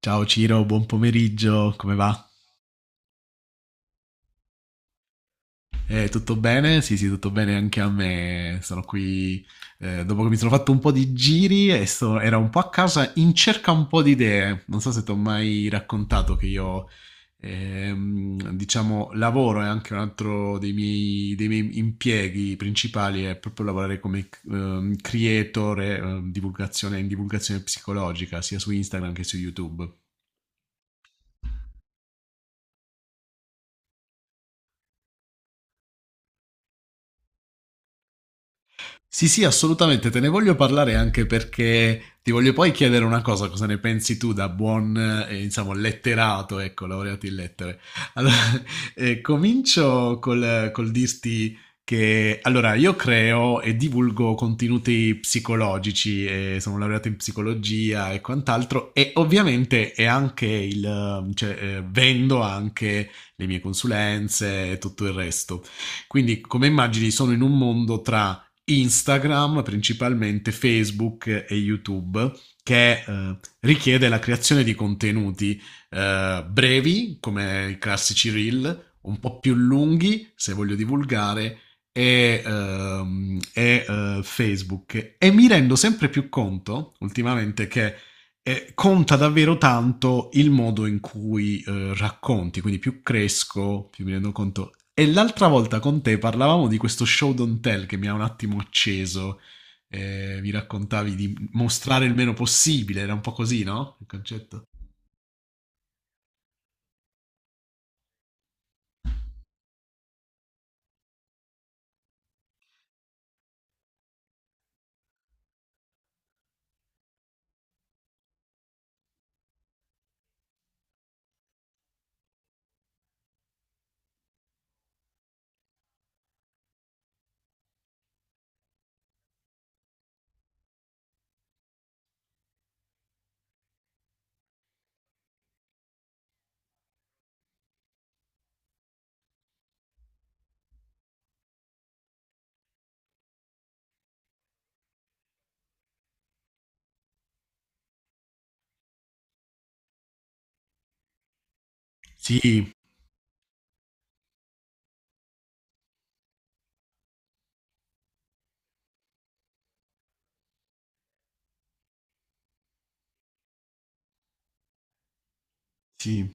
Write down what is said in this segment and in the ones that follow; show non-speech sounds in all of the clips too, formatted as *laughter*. Ciao Ciro, buon pomeriggio, come va? Tutto bene? Sì, sì, tutto bene anche a me. Sono qui dopo che mi sono fatto un po' di giri e era un po' a casa in cerca un po' di idee. Non so se ti ho mai raccontato che io, diciamo, lavoro e anche un altro dei miei impieghi principali è proprio lavorare come creator e, divulgazione, in divulgazione psicologica, sia su Instagram che su YouTube. Sì, sì, assolutamente, te ne voglio parlare anche perché ti voglio poi chiedere una cosa, cosa ne pensi tu da buon, diciamo, letterato, ecco, laureato in lettere. Allora, *laughs* comincio col dirti che, allora, io creo e divulgo contenuti psicologici, sono laureato in psicologia e quant'altro, e ovviamente è anche vendo anche le mie consulenze e tutto il resto. Quindi, come immagini, sono in un mondo tra Instagram, principalmente Facebook e YouTube, che richiede la creazione di contenuti brevi, come i classici reel, un po' più lunghi, se voglio divulgare, Facebook. E mi rendo sempre più conto, ultimamente, che conta davvero tanto il modo in cui racconti, quindi più cresco, più mi rendo conto. E l'altra volta con te parlavamo di questo show don't tell che mi ha un attimo acceso. Mi raccontavi di mostrare il meno possibile, era un po' così, no? Il concetto. Sì, sì.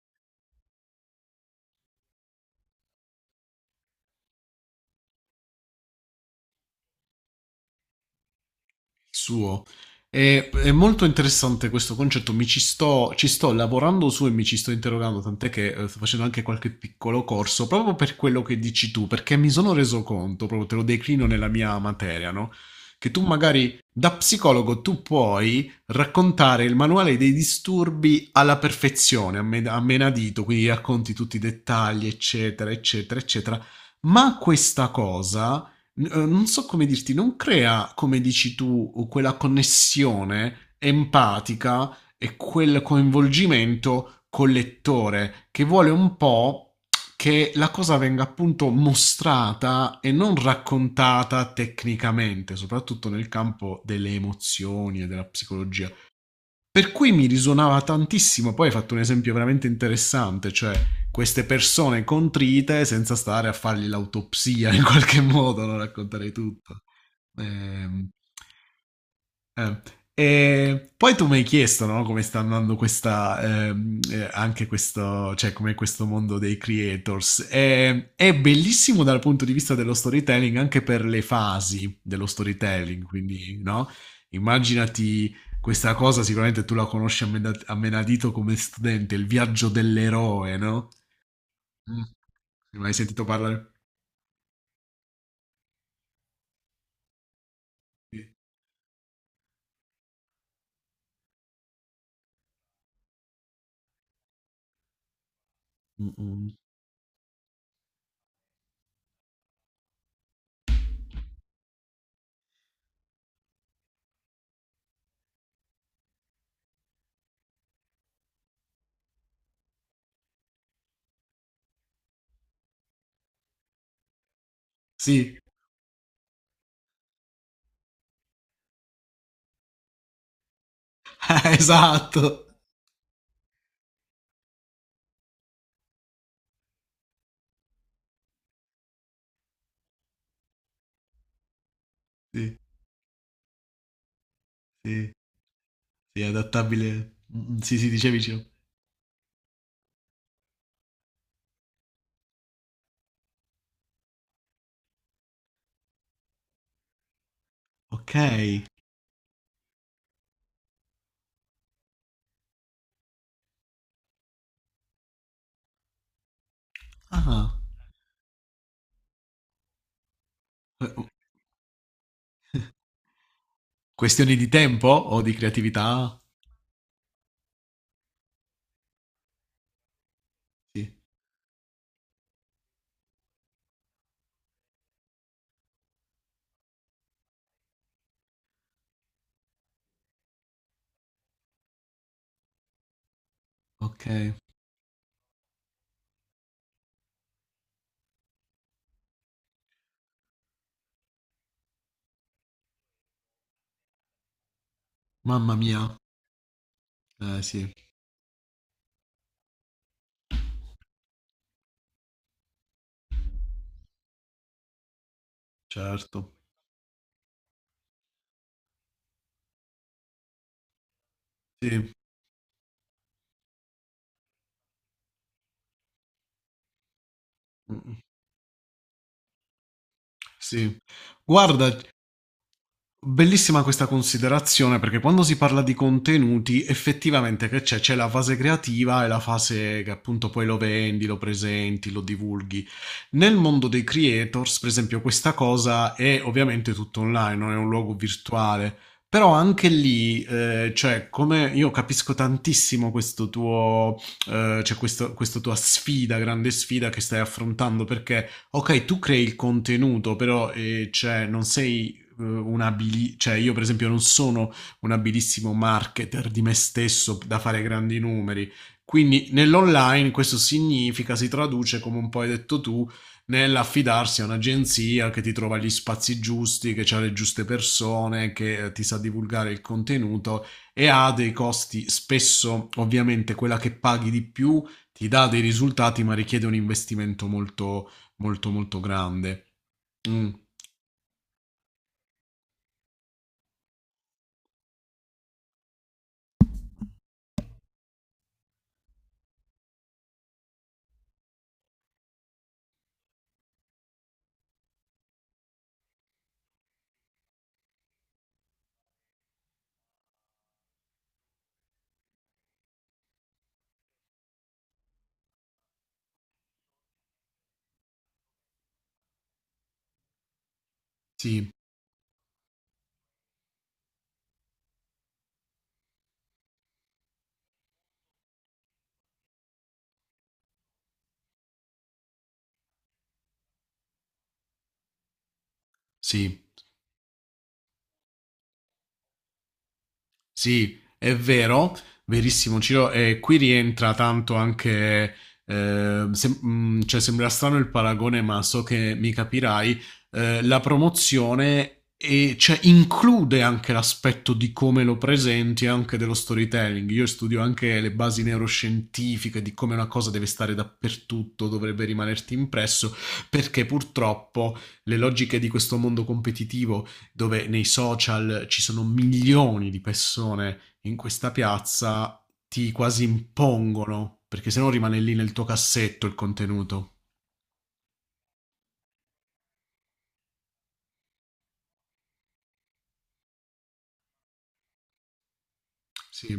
Suo. È molto interessante questo concetto, ci sto lavorando su e mi ci sto interrogando, tant'è che sto facendo anche qualche piccolo corso, proprio per quello che dici tu, perché mi sono reso conto, proprio te lo declino nella mia materia, no? Che tu magari da psicologo tu puoi raccontare il manuale dei disturbi alla perfezione, a menadito, quindi racconti tutti i dettagli, eccetera, eccetera, eccetera, ma questa cosa non so come dirti, non crea, come dici tu, quella connessione empatica e quel coinvolgimento col lettore che vuole un po' che la cosa venga appunto mostrata e non raccontata tecnicamente, soprattutto nel campo delle emozioni e della psicologia. Per cui mi risuonava tantissimo, poi hai fatto un esempio veramente interessante, cioè queste persone contrite senza stare a fargli l'autopsia in qualche *laughs* modo, non racconterei tutto. Ehm, eh, E poi tu mi hai chiesto, no, come sta andando questa, anche questo, cioè come questo mondo dei creators. È bellissimo dal punto di vista dello storytelling, anche per le fasi dello storytelling, quindi, no? Immaginati questa cosa, sicuramente tu la conosci a menadito come studente, il viaggio dell'eroe, no? Mm. Ne hai mai sentito parlare? Sì. Mm, mm. Sì, *laughs* esatto. Sì, sì. Sì, è adattabile. Mm. Sì, sì, dicevi. Dicevo. Ok. Ah. Oh, questioni di tempo o di creatività? Sì. Ok. Mamma mia. Eh sì, certo. Sì. Mm. Sì. Guarda, bellissima questa considerazione perché quando si parla di contenuti effettivamente che c'è? C'è la fase creativa e la fase che appunto poi lo vendi, lo presenti, lo divulghi. Nel mondo dei creators, per esempio, questa cosa è ovviamente tutto online, non è un luogo virtuale. Però anche lì, come io capisco tantissimo questo tuo, questa tua sfida, grande sfida che stai affrontando, perché ok, tu crei il contenuto, però non sei cioè io per esempio non sono un abilissimo marketer di me stesso da fare grandi numeri. Quindi nell'online questo significa, si traduce, come un po' hai detto tu, nell'affidarsi a un'agenzia che ti trova gli spazi giusti, che ha le giuste persone, che ti sa divulgare il contenuto e ha dei costi spesso, ovviamente, quella che paghi di più ti dà dei risultati, ma richiede un investimento molto, molto, molto grande. Mm, sì, sì. Sì, è vero, verissimo Ciro, e qui rientra tanto anche, sembra strano il paragone, ma so che mi capirai, la promozione e, cioè, include anche l'aspetto di come lo presenti e anche dello storytelling. Io studio anche le basi neuroscientifiche di come una cosa deve stare dappertutto, dovrebbe rimanerti impresso, perché purtroppo le logiche di questo mondo competitivo dove nei social ci sono milioni di persone in questa piazza, ti quasi impongono, perché se no rimane lì nel tuo cassetto il contenuto. Sì,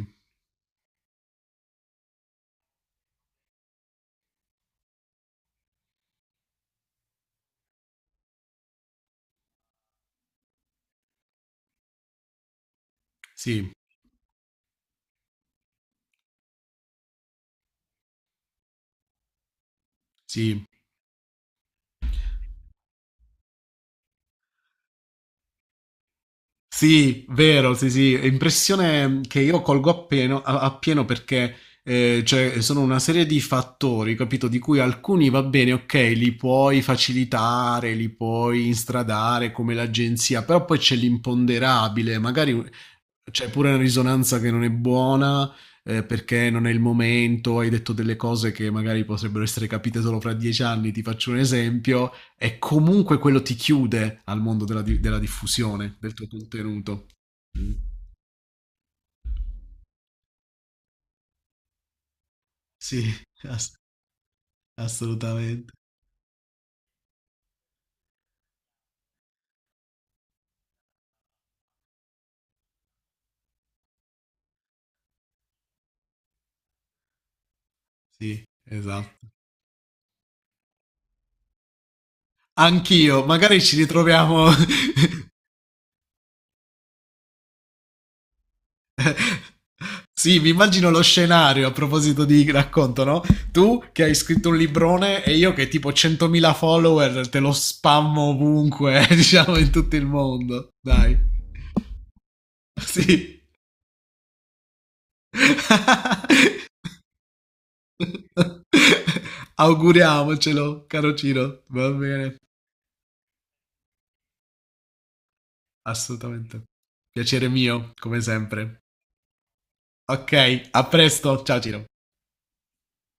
sì, sì. Sì, vero, sì, sì, è impressione che io colgo appieno, appieno perché sono una serie di fattori, capito? Di cui alcuni va bene, ok, li puoi facilitare, li puoi instradare come l'agenzia, però poi c'è l'imponderabile, magari c'è pure una risonanza che non è buona perché non è il momento, hai detto delle cose che magari potrebbero essere capite solo fra dieci anni, ti faccio un esempio e comunque quello ti chiude al mondo della diffusione del tuo contenuto. Mm. Sì, ass- assolutamente. Sì. Esatto. Anch'io, magari ci ritroviamo. *laughs* Sì, mi immagino lo scenario a proposito di racconto, no? Tu che hai scritto un librone e io che tipo 100.000 follower te lo spammo ovunque, *laughs* diciamo in tutto il mondo. Dai. Sì. *laughs* *laughs* Auguriamocelo, caro Ciro. Va bene, assolutamente. Piacere mio, come sempre. Ok, a presto. Ciao Ciro.